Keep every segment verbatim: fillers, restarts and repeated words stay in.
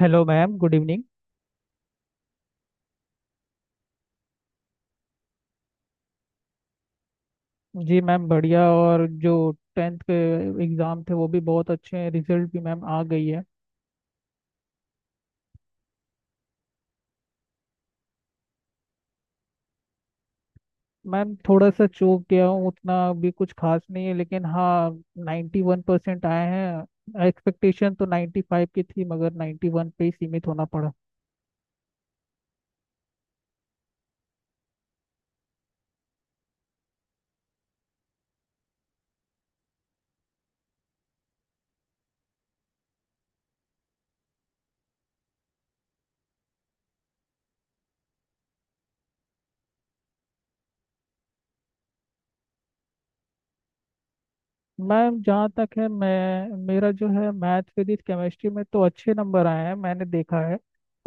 Hello ma'am, good evening. जी ma'am बढ़िया, और जो टेंथ के एग्ज़ाम थे वो भी बहुत अच्छे हैं, रिजल्ट भी मैम आ गई है। मैम थोड़ा सा चूक गया हूँ, उतना भी कुछ खास नहीं है लेकिन हाँ, नाइन्टी वन परसेंट आए हैं। एक्सपेक्टेशन तो नाइन्टी फाइव की थी, मगर नाइन्टी वन पे ही सीमित होना पड़ा। मैम जहाँ तक है, मैं मेरा जो है मैथ फिजिक्स केमिस्ट्री में तो अच्छे नंबर आए हैं, मैंने देखा है।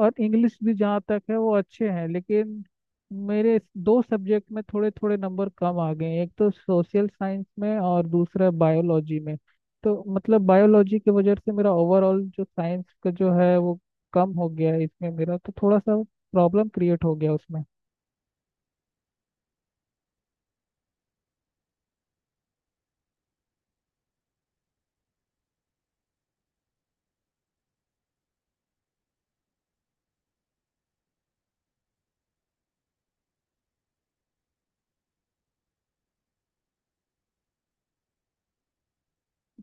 और इंग्लिश भी जहाँ तक है वो अच्छे हैं, लेकिन मेरे दो सब्जेक्ट में थोड़े थोड़े नंबर कम आ गए हैं। एक तो सोशल साइंस में और दूसरा बायोलॉजी में। तो मतलब बायोलॉजी की वजह से मेरा ओवरऑल जो साइंस का जो है वो कम हो गया है, इसमें मेरा तो थोड़ा सा प्रॉब्लम क्रिएट हो गया उसमें।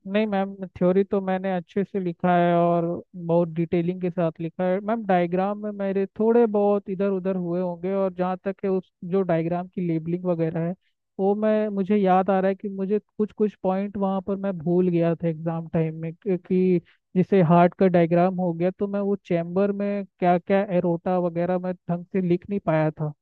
नहीं मैम, थ्योरी तो मैंने अच्छे से लिखा है, और बहुत डिटेलिंग के साथ लिखा है मैम। डायग्राम में मेरे थोड़े बहुत इधर उधर हुए होंगे, और जहाँ तक है उस जो डायग्राम की लेबलिंग वगैरह है वो, मैं मुझे याद आ रहा है कि मुझे कुछ कुछ पॉइंट वहाँ पर मैं भूल गया था एग्जाम टाइम में, कि कि जैसे हार्ट का डायग्राम हो गया तो मैं वो चैम्बर में क्या क्या एरोटा वगैरह मैं ढंग से लिख नहीं पाया था।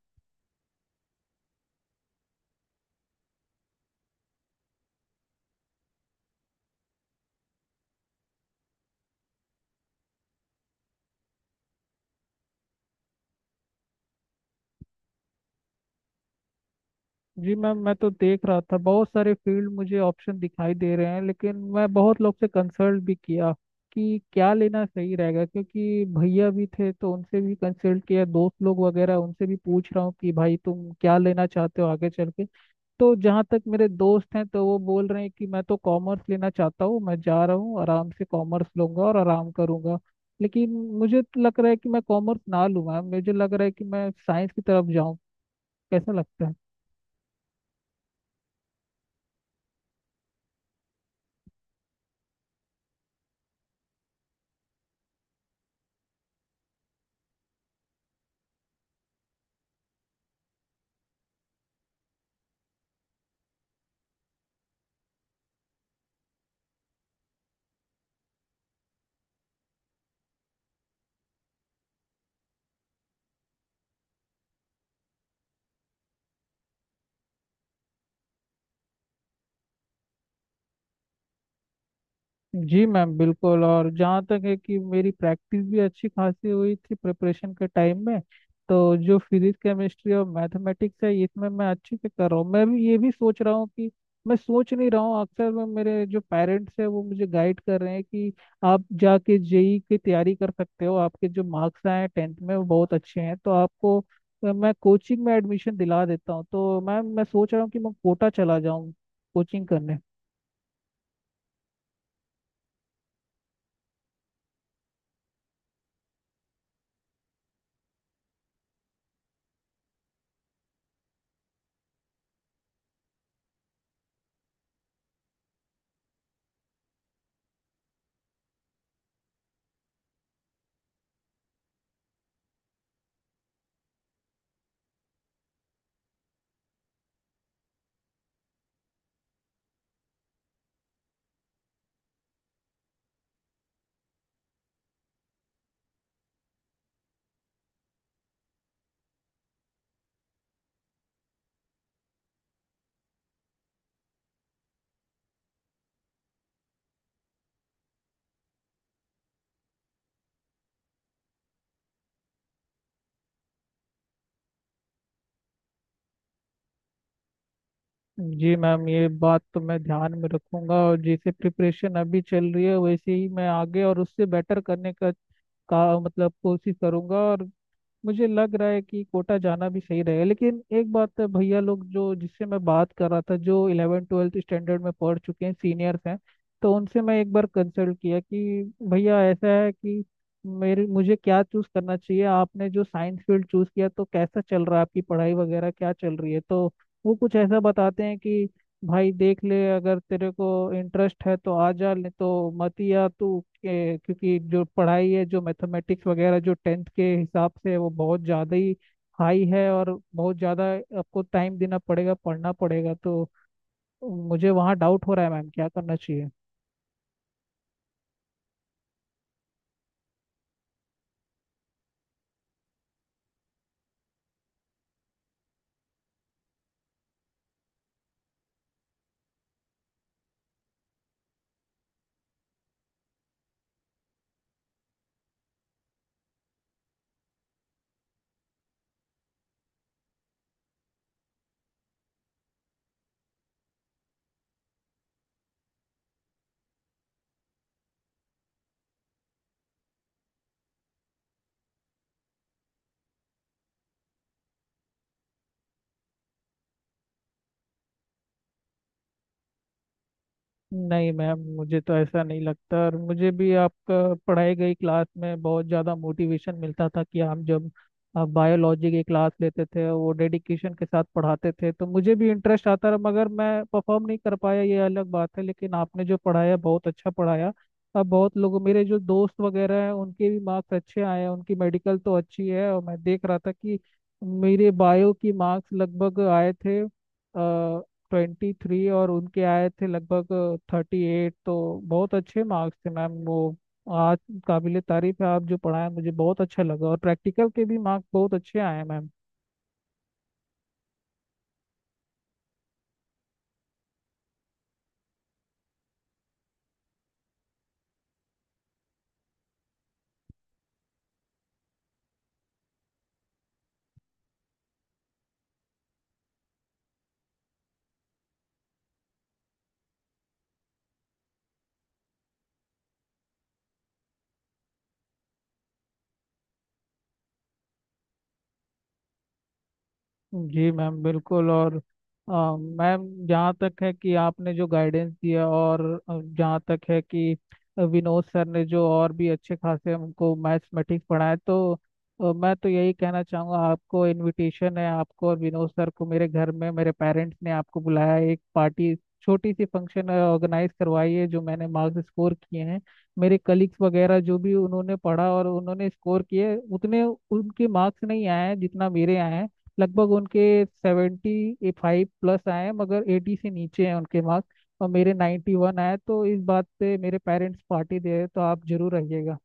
जी मैम, मैं तो देख रहा था बहुत सारे फील्ड मुझे ऑप्शन दिखाई दे रहे हैं, लेकिन मैं बहुत लोग से कंसल्ट भी किया कि क्या लेना सही रहेगा। क्योंकि भैया भी थे तो उनसे भी कंसल्ट किया, दोस्त लोग वगैरह उनसे भी पूछ रहा हूँ कि भाई तुम क्या लेना चाहते हो आगे चल के। तो जहाँ तक मेरे दोस्त हैं तो वो बोल रहे हैं कि मैं तो कॉमर्स लेना चाहता हूँ, मैं जा रहा हूँ आराम से, कॉमर्स लूंगा और आराम करूंगा। लेकिन मुझे तो लग रहा है कि मैं कॉमर्स ना लूँ। मैम मुझे लग रहा है कि मैं साइंस की तरफ जाऊँ, कैसा लगता है? जी मैम बिल्कुल, और जहाँ तक है कि मेरी प्रैक्टिस भी अच्छी खासी हुई थी प्रिपरेशन के टाइम में। तो जो फिजिक्स केमिस्ट्री और मैथमेटिक्स है इसमें मैं अच्छे से कर रहा हूँ। मैं भी ये भी सोच रहा हूँ कि मैं सोच नहीं रहा हूँ, अक्सर मैं, मेरे जो पेरेंट्स हैं वो मुझे गाइड कर रहे हैं कि आप जाके जेई की तैयारी कर सकते हो, आपके जो मार्क्स आए हैं टेंथ में वो बहुत अच्छे हैं, तो आपको अ, मैं कोचिंग में एडमिशन दिला देता हूँ। तो मैम मैं सोच रहा हूँ कि मैं कोटा चला जाऊँ कोचिंग करने। जी मैम ये बात तो मैं ध्यान में रखूंगा, और जैसे प्रिपरेशन अभी चल रही है वैसे ही मैं आगे और उससे बेटर करने का, का मतलब कोशिश करूंगा। और मुझे लग रहा है कि कोटा जाना भी सही रहेगा, लेकिन एक बात है। भैया लोग जो जिससे मैं बात कर रहा था जो इलेवन ट्वेल्थ स्टैंडर्ड में पढ़ चुके हैं, सीनियर्स हैं, तो उनसे मैं एक बार कंसल्ट किया कि भैया ऐसा है कि मेरे मुझे क्या चूज करना चाहिए, आपने जो साइंस फील्ड चूज किया तो कैसा चल रहा है, आपकी पढ़ाई वगैरह क्या चल रही है? तो वो कुछ ऐसा बताते हैं कि भाई देख ले, अगर तेरे को इंटरेस्ट है तो आ जा, नहीं तो मत ही आ। तू के- क्योंकि जो पढ़ाई है, जो मैथमेटिक्स वगैरह जो टेंथ के हिसाब से है वो बहुत ज़्यादा ही हाई है, और बहुत ज़्यादा आपको टाइम देना पड़ेगा, पढ़ना पड़ेगा। तो मुझे वहाँ डाउट हो रहा है मैम, क्या करना चाहिए? नहीं मैम, मुझे तो ऐसा नहीं लगता, और मुझे भी आपका पढ़ाई गई क्लास में बहुत ज़्यादा मोटिवेशन मिलता था। कि हम जब बायोलॉजी की क्लास लेते थे वो डेडिकेशन के साथ पढ़ाते थे तो मुझे भी इंटरेस्ट आता रहा, मगर मैं परफॉर्म नहीं कर पाया ये अलग बात है। लेकिन आपने जो पढ़ाया बहुत अच्छा पढ़ाया। अब बहुत लोगों, मेरे जो दोस्त वगैरह हैं उनके भी मार्क्स अच्छे आए हैं, उनकी मेडिकल तो अच्छी है। और मैं देख रहा था कि मेरे बायो की मार्क्स लगभग आए थे ट्वेंटी थ्री, और उनके आए थे लगभग थर्टी एट। तो बहुत अच्छे मार्क्स थे मैम वो। आज काबिले तारीफ है आप, जो पढ़ाए मुझे बहुत अच्छा लगा, और प्रैक्टिकल के भी मार्क्स बहुत अच्छे आए मैम। जी मैम बिल्कुल, और अ, मैम जहाँ तक है कि आपने जो गाइडेंस दिया, और अ, जहाँ तक है कि विनोद सर ने जो और भी अच्छे खासे हमको मैथमेटिक्स पढ़ाए, तो अ, मैं तो यही कहना चाहूँगा, आपको इनविटेशन है। आपको और विनोद सर को मेरे घर में मेरे पेरेंट्स ने आपको बुलाया है, एक पार्टी छोटी सी फंक्शन ऑर्गेनाइज करवाई है। जो मैंने मार्क्स स्कोर किए हैं, मेरे कलीग्स वगैरह जो भी उन्होंने पढ़ा और उन्होंने स्कोर किए, उतने उनके मार्क्स नहीं आए हैं जितना मेरे आए हैं। लगभग उनके सेवेंटी फाइव प्लस आए हैं, मगर एटी से नीचे हैं उनके मार्क्स, और मेरे नाइन्टी वन आए। तो इस बात पे मेरे पेरेंट्स पार्टी दे रहे हैं, तो आप जरूर आइएगा।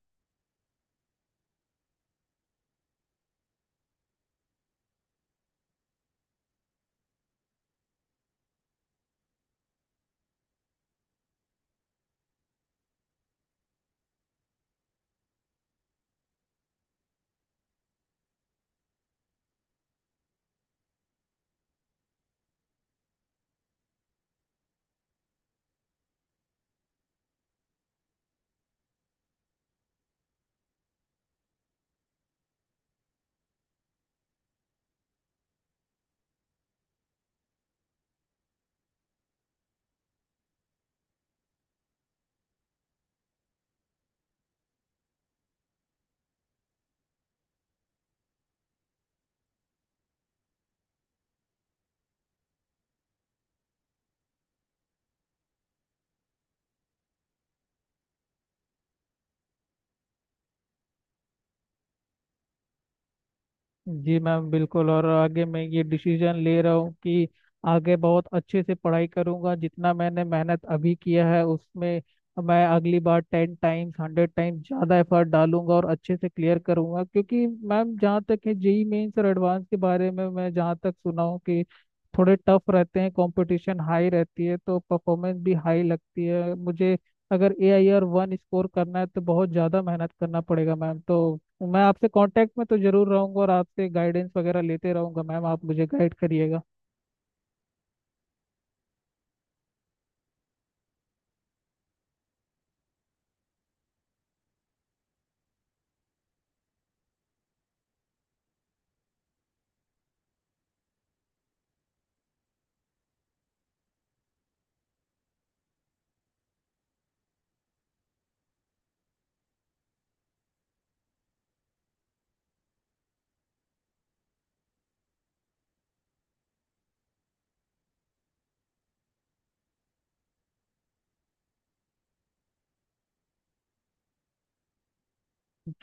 जी मैम बिल्कुल, और आगे मैं ये डिसीजन ले रहा हूँ कि आगे बहुत अच्छे से पढ़ाई करूँगा। जितना मैंने मेहनत अभी किया है उसमें, मैं अगली बार टेन टाइम्स हंड्रेड टाइम्स ज़्यादा एफर्ट डालूंगा और अच्छे से क्लियर करूँगा। क्योंकि मैम जहाँ तक है, जेई मेंस और एडवांस के बारे में मैं जहाँ तक सुना हूँ कि थोड़े टफ रहते हैं, कंपटीशन हाई रहती है, तो परफॉर्मेंस भी हाई लगती है मुझे। अगर A I R one score करना है तो बहुत ज़्यादा मेहनत करना पड़ेगा मैम। तो तो मैं आपसे कांटेक्ट में तो जरूर रहूंगा, और आपसे गाइडेंस वगैरह लेते रहूंगा। मैम आप मुझे गाइड करिएगा।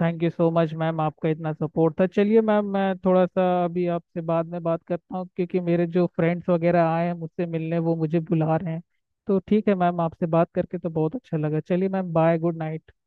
Thank you so much ma'am, आपका इतना सपोर्ट था। चलिए मैम, मैं थोड़ा सा अभी आपसे बाद में बात करता हूँ, क्योंकि मेरे जो फ्रेंड्स वगैरह आए हैं मुझसे मिलने वो मुझे बुला रहे हैं। तो ठीक है मैम, आपसे बात करके तो बहुत अच्छा लगा। चलिए मैम, बाय, गुड नाइट।